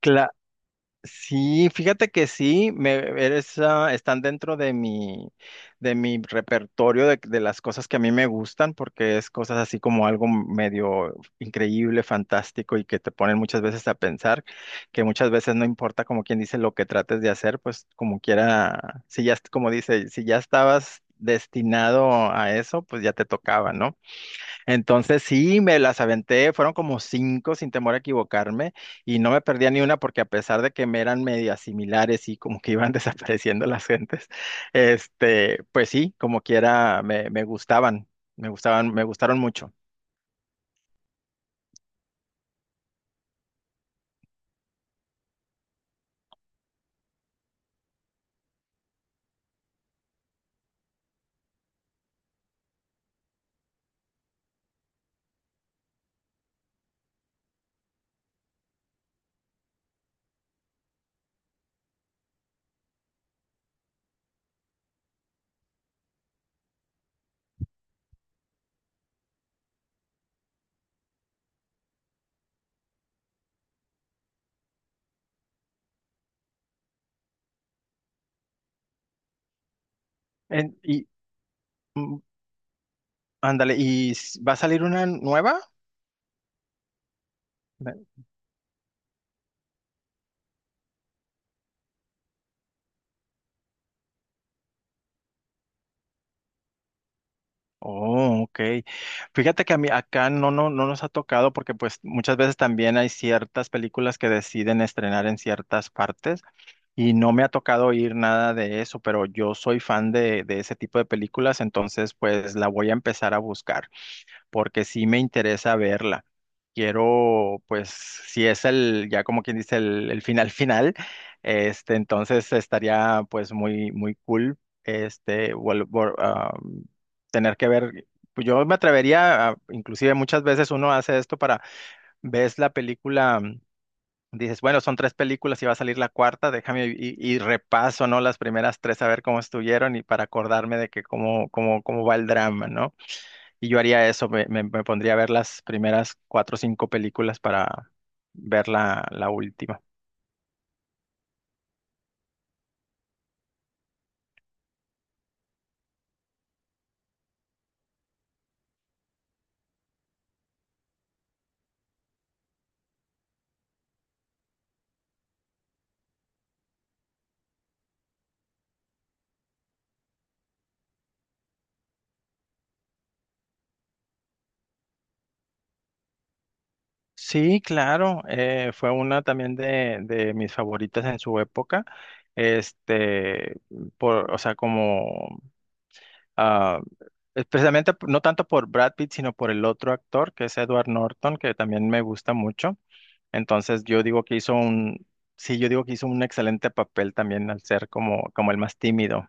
Cla- sí, fíjate que sí, están dentro de mi repertorio de las cosas que a mí me gustan, porque es cosas así como algo medio increíble, fantástico y que te ponen muchas veces a pensar, que muchas veces no importa como quien dice lo que trates de hacer, pues como quiera, si ya, est- como dice, si ya estabas destinado a eso, pues ya te tocaba, ¿no? Entonces sí, me las aventé, fueron como cinco sin temor a equivocarme y no me perdía ni una porque a pesar de que me eran medias similares y como que iban desapareciendo las gentes, este, pues sí, como quiera me gustaban, me gustaban, me gustaron mucho. Y mm, ándale, ¿y va a salir una nueva? Oh, ok. Fíjate que a mí acá no nos ha tocado porque pues muchas veces también hay ciertas películas que deciden estrenar en ciertas partes y no me ha tocado oír nada de eso, pero yo soy fan de ese tipo de películas, entonces pues la voy a empezar a buscar porque sí me interesa verla. Quiero, pues, si es el, ya como quien dice, el final final, este, entonces estaría pues muy, muy cool, este, tener que ver, pues, yo me atrevería, inclusive muchas veces uno hace esto para, ves la película, dices, bueno, son tres películas y va a salir la cuarta, déjame y repaso, ¿no? Las primeras tres a ver cómo estuvieron y para acordarme de que cómo va el drama, ¿no? Y yo haría eso, me pondría a ver las primeras cuatro o cinco películas para ver la última. Sí, claro, fue una también de mis favoritas en su época. Este, o sea, como, ah, es precisamente no tanto por Brad Pitt, sino por el otro actor, que es Edward Norton, que también me gusta mucho. Entonces, yo digo que hizo un, sí, yo digo que hizo un excelente papel también al ser como el más tímido.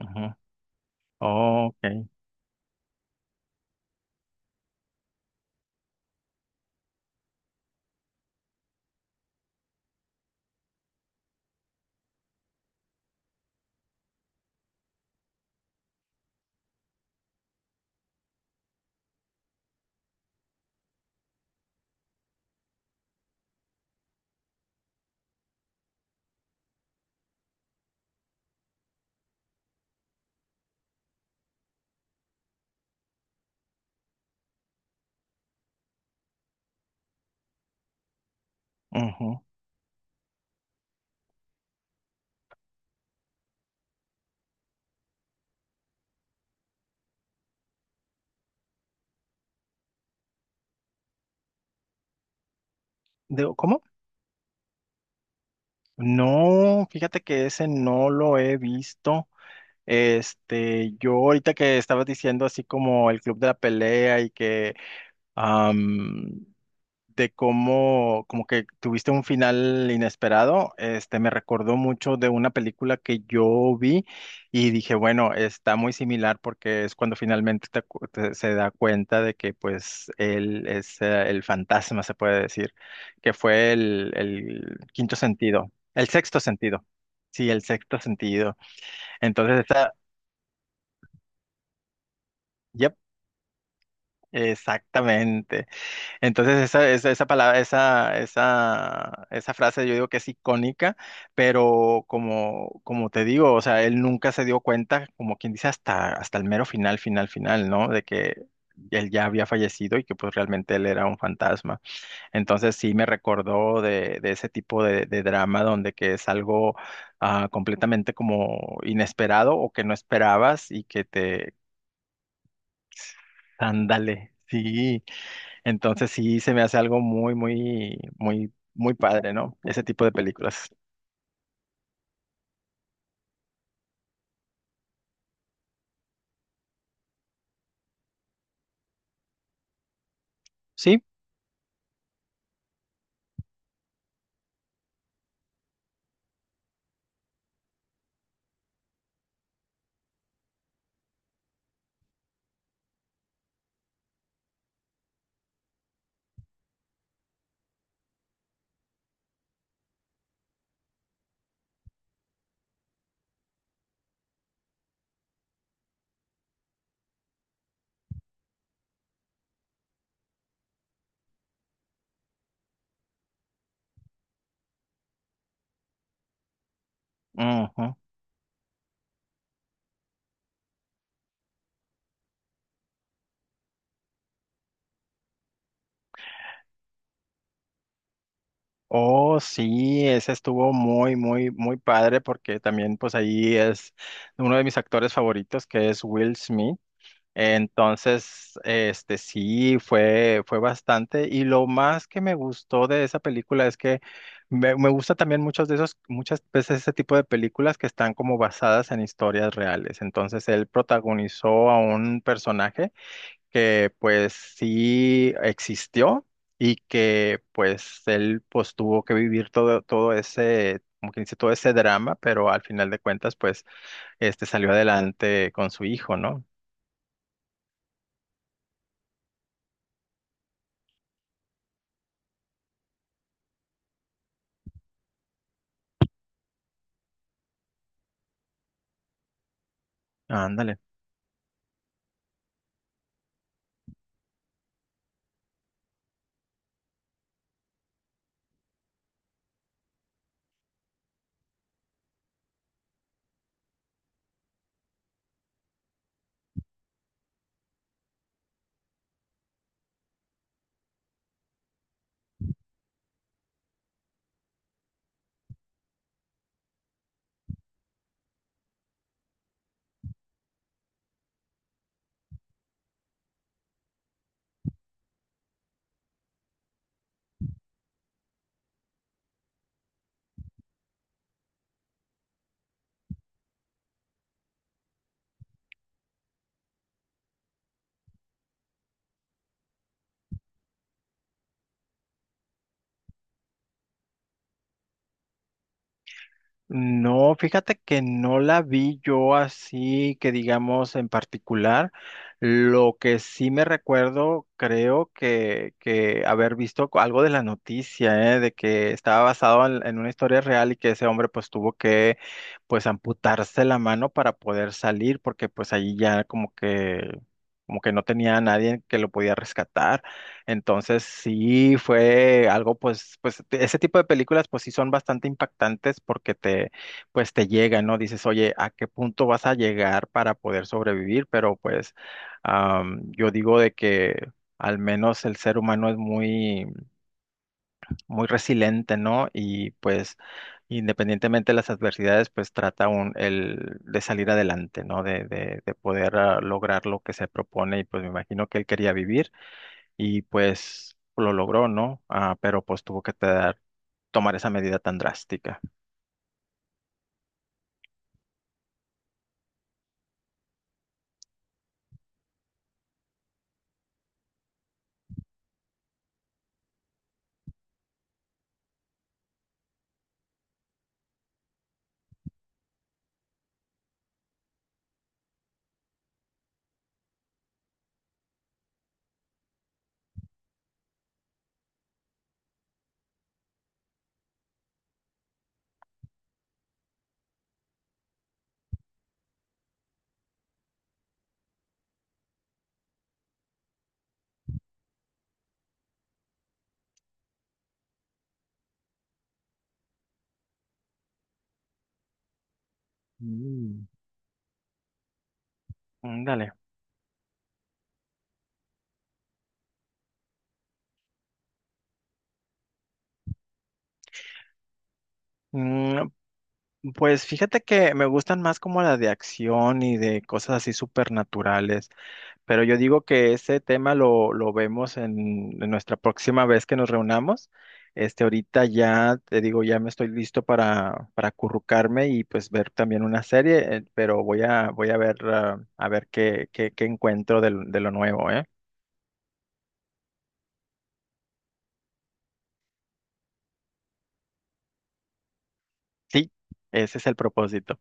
Ujú. Oh, ok. Ujú. Digo, ¿cómo? No, fíjate que ese no lo he visto. Este, yo ahorita que estabas diciendo así como el club de la pelea y que de cómo como que tuviste un final inesperado, este me recordó mucho de una película que yo vi y dije, bueno, está muy similar porque es cuando finalmente se da cuenta de que pues él es el fantasma, se puede decir, que fue el quinto sentido, el sexto sentido. Sí, el sexto sentido. Entonces, yep, exactamente. Entonces esa palabra, esa frase yo digo que es icónica, pero como te digo, o sea, él nunca se dio cuenta, como quien dice, hasta el mero final, final, final, ¿no? De que él ya había fallecido y que pues realmente él era un fantasma. Entonces sí me recordó de ese tipo de drama donde que es algo completamente como inesperado o que no esperabas y que te... Ándale, sí. Entonces sí se me hace algo muy, muy, muy, muy padre, ¿no? Ese tipo de películas. Sí. Ujú. Oh, sí, ese estuvo muy, muy, muy padre porque también pues ahí es uno de mis actores favoritos que es Will Smith. Entonces, este sí, fue bastante. Y lo más que me gustó de esa película es que me gusta también muchos de esos, muchas veces ese tipo de películas que están como basadas en historias reales. Entonces, él protagonizó a un personaje que pues sí existió y que pues él pues tuvo que vivir como que dice, todo ese drama, pero al final de cuentas pues este salió adelante con su hijo, ¿no? Ándale. No, fíjate que no la vi yo así, que digamos en particular. Lo que sí me recuerdo, creo que haber visto algo de la noticia, ¿eh? De que estaba basado en una historia real y que ese hombre pues tuvo que pues amputarse la mano para poder salir, porque pues allí ya como que no tenía a nadie que lo podía rescatar. Entonces sí fue algo, pues ese tipo de películas pues sí son bastante impactantes porque pues te llegan, ¿no? Dices, oye, ¿a qué punto vas a llegar para poder sobrevivir? Pero pues yo digo de que al menos el ser humano es muy, muy resiliente, ¿no? Y pues independientemente de las adversidades, pues trata de salir adelante, ¿no? De poder lograr lo que se propone y pues me imagino que él quería vivir y pues lo logró, ¿no? Ah, pero pues tuvo que tomar esa medida tan drástica. Mm. Mm, dale. Mm, Pues fíjate que me gustan más como la de acción y de cosas así supernaturales, pero yo digo que ese tema lo vemos en nuestra próxima vez que nos reunamos. Este, ahorita ya te digo, ya me estoy listo para acurrucarme y pues ver también una serie, pero voy a ver, a ver qué encuentro de lo nuevo, ¿eh? Sí, ese es el propósito.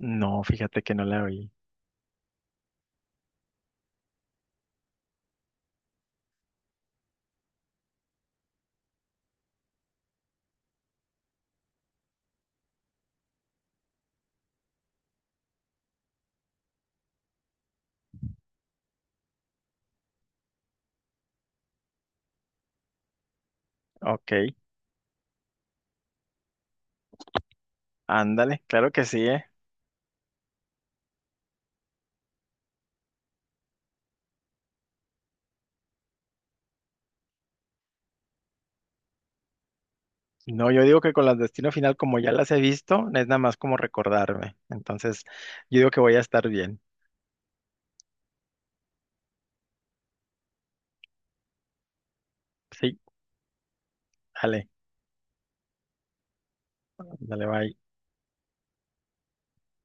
No, fíjate que no la oí. Ok, ándale, claro que sí, ¿eh? No, yo digo que con las Destino Final, como ya las he visto, es nada más como recordarme. Entonces, yo digo que voy a estar bien. Sí, dale, dale, bye.